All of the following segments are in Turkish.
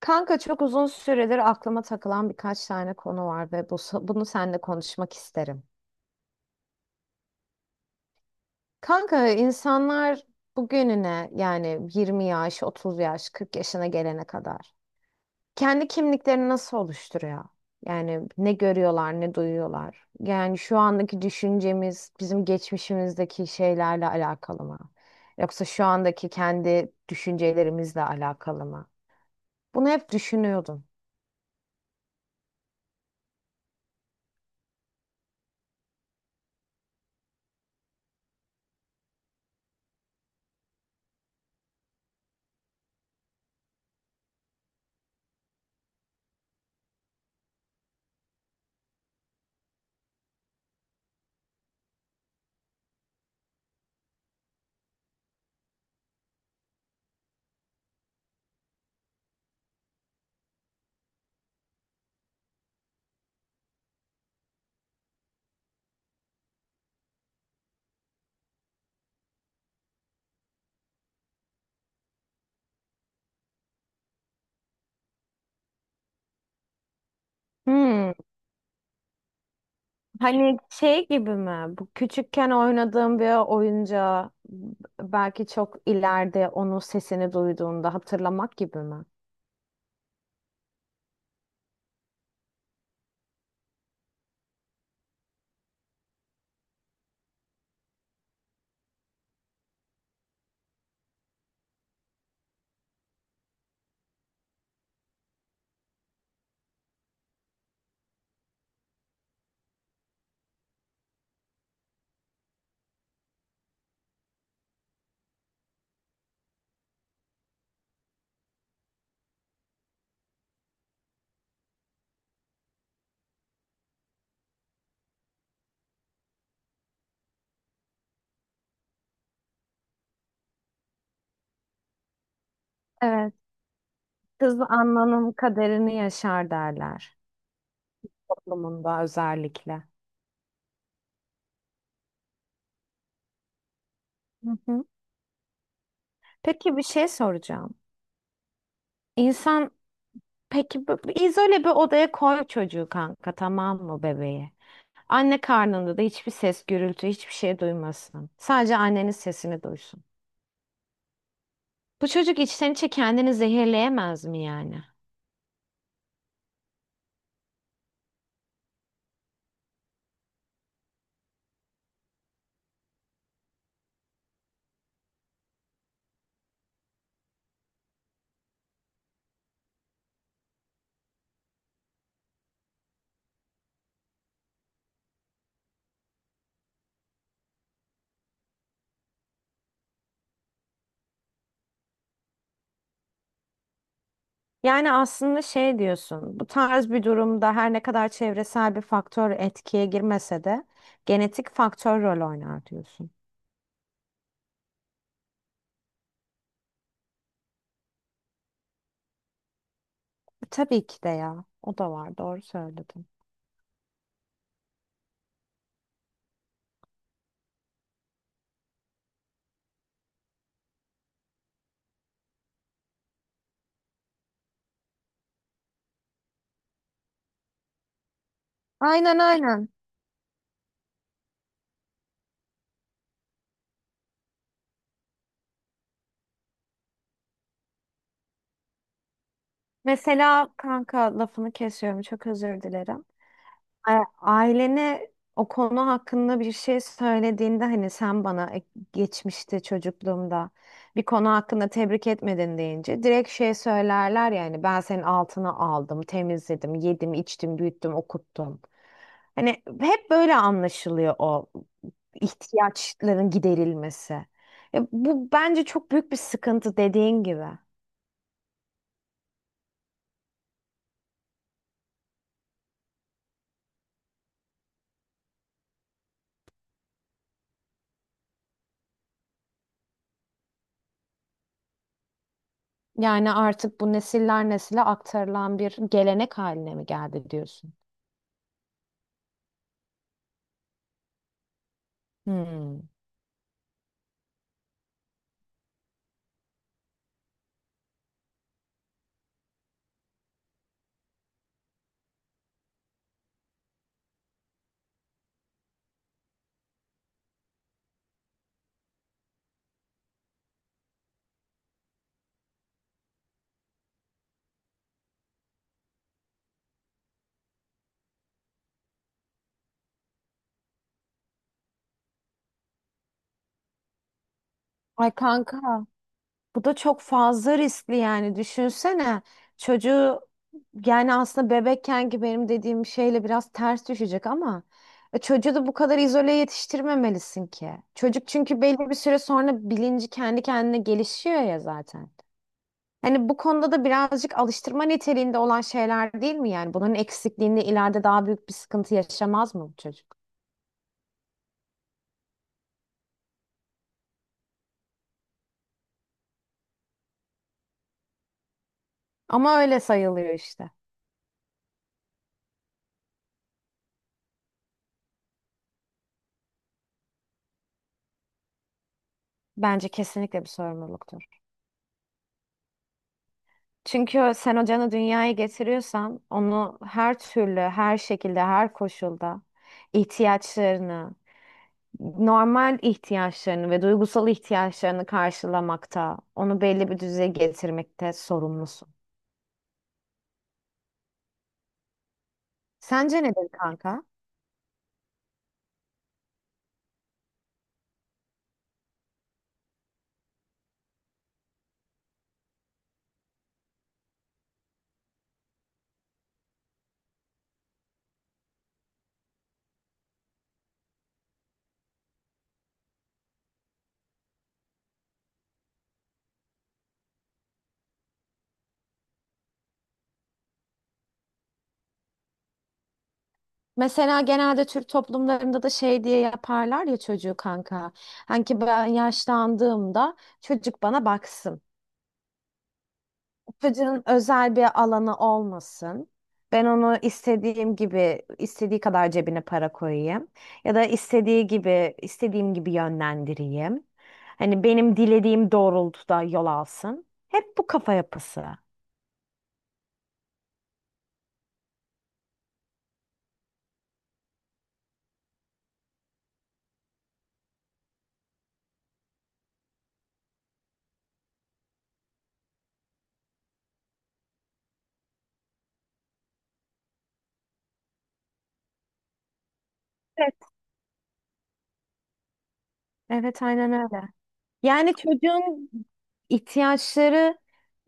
Kanka, çok uzun süredir aklıma takılan birkaç tane konu var ve bunu seninle konuşmak isterim. Kanka, insanlar bugününe yani 20 yaş, 30 yaş, 40 yaşına gelene kadar kendi kimliklerini nasıl oluşturuyor? Yani ne görüyorlar, ne duyuyorlar? Yani şu andaki düşüncemiz bizim geçmişimizdeki şeylerle alakalı mı? Yoksa şu andaki kendi düşüncelerimizle alakalı mı? Bunu hep düşünüyordum. Hmm. Hani şey gibi mi? Bu küçükken oynadığım bir oyuncağı belki çok ileride onun sesini duyduğunda hatırlamak gibi mi? Evet. Kız anlanın kaderini yaşar derler toplumunda özellikle. Hı hı. Peki bir şey soracağım. İnsan, peki bu izole bir odaya koy çocuğu kanka, tamam mı, bebeği? Anne karnında da hiçbir ses, gürültü, hiçbir şey duymasın. Sadece annenin sesini duysun. Bu çocuk içten içe kendini zehirleyemez mi yani? Yani aslında şey diyorsun, bu tarz bir durumda her ne kadar çevresel bir faktör etkiye girmese de genetik faktör rol oynar diyorsun. Tabii ki de ya. O da var. Doğru söyledin. Aynen aynen. Mesela kanka, lafını kesiyorum, çok özür dilerim. A- Ailene o konu hakkında bir şey söylediğinde hani sen bana geçmişte çocukluğumda bir konu hakkında tebrik etmedin deyince direkt şey söylerler: yani ben senin altına aldım, temizledim, yedim, içtim, büyüttüm, okuttum. Hani hep böyle anlaşılıyor o ihtiyaçların giderilmesi. Bu bence çok büyük bir sıkıntı dediğin gibi. Yani artık bu nesiller nesile aktarılan bir gelenek haline mi geldi diyorsun? Hmm. Ay kanka, bu da çok fazla riskli. Yani düşünsene, çocuğu, yani aslında bebekken ki benim dediğim şeyle biraz ters düşecek ama çocuğu da bu kadar izole yetiştirmemelisin ki. Çocuk çünkü belli bir süre sonra bilinci kendi kendine gelişiyor ya zaten. Hani bu konuda da birazcık alıştırma niteliğinde olan şeyler değil mi yani? Bunun eksikliğinde ileride daha büyük bir sıkıntı yaşamaz mı bu çocuk? Ama öyle sayılıyor işte. Bence kesinlikle bir sorumluluktur. Çünkü sen o canı dünyaya getiriyorsan onu her türlü, her şekilde, her koşulda ihtiyaçlarını, normal ihtiyaçlarını ve duygusal ihtiyaçlarını karşılamakta, onu belli bir düzeye getirmekte sorumlusun. Sence nedir kanka? Mesela genelde Türk toplumlarında da şey diye yaparlar ya çocuğu kanka. Hani ki ben yaşlandığımda çocuk bana baksın. Çocuğun özel bir alanı olmasın. Ben onu istediğim gibi, istediği kadar cebine para koyayım. Ya da istediği gibi, istediğim gibi yönlendireyim. Hani benim dilediğim doğrultuda yol alsın. Hep bu kafa yapısı. Evet. Evet, aynen öyle. Yani çocuğun ihtiyaçları,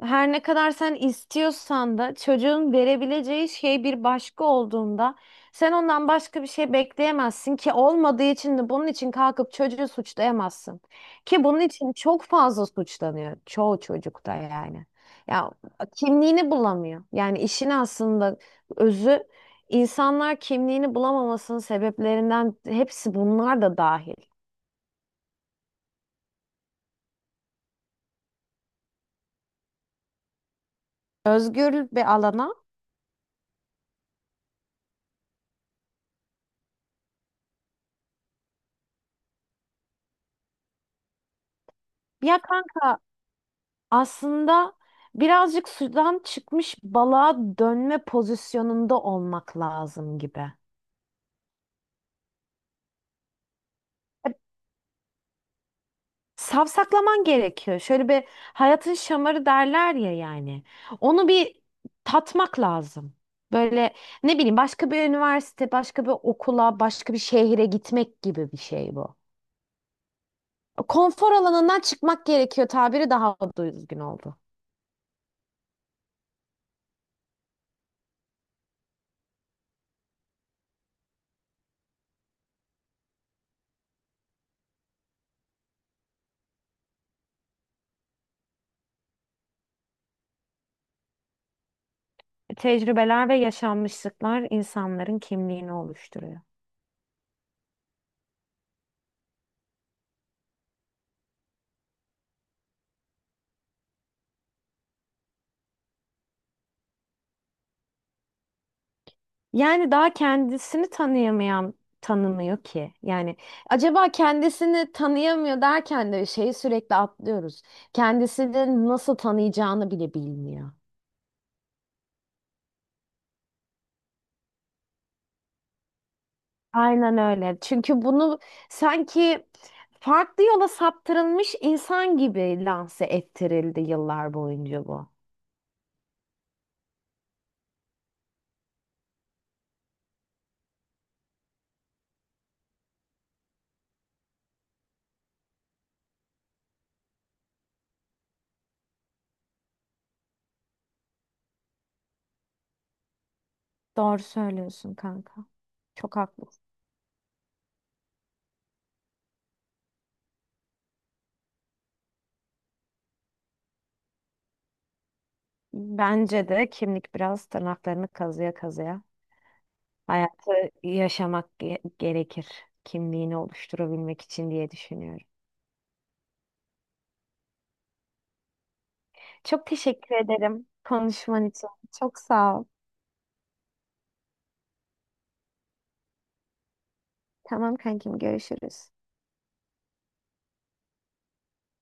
her ne kadar sen istiyorsan da çocuğun verebileceği şey bir başka olduğunda sen ondan başka bir şey bekleyemezsin ki, olmadığı için de bunun için kalkıp çocuğu suçlayamazsın. Ki bunun için çok fazla suçlanıyor çoğu çocukta yani. Ya kimliğini bulamıyor. Yani işin aslında özü, insanlar kimliğini bulamamasının sebeplerinden hepsi bunlar da dahil. Özgür bir alana, ya kanka, aslında birazcık sudan çıkmış balığa dönme pozisyonunda olmak lazım gibi. E, Savsaklaman gerekiyor. Şöyle bir hayatın şamarı derler ya yani. Onu bir tatmak lazım. Böyle, ne bileyim, başka bir üniversite, başka bir okula, başka bir şehire gitmek gibi bir şey bu. Konfor alanından çıkmak gerekiyor, tabiri daha düzgün oldu. Tecrübeler ve yaşanmışlıklar insanların kimliğini oluşturuyor. Yani daha kendisini tanıyamayan tanımıyor ki. Yani acaba kendisini tanıyamıyor derken de şeyi sürekli atlıyoruz. Kendisini nasıl tanıyacağını bile bilmiyor. Aynen öyle. Çünkü bunu sanki farklı yola saptırılmış insan gibi lanse ettirildi yıllar boyunca bu. Doğru söylüyorsun kanka. Çok haklısın. Bence de kimlik biraz tırnaklarını kazıya kazıya hayatı yaşamak gerekir. Kimliğini oluşturabilmek için diye düşünüyorum. Çok teşekkür ederim konuşman için. Çok sağ ol. Tamam kankim, görüşürüz.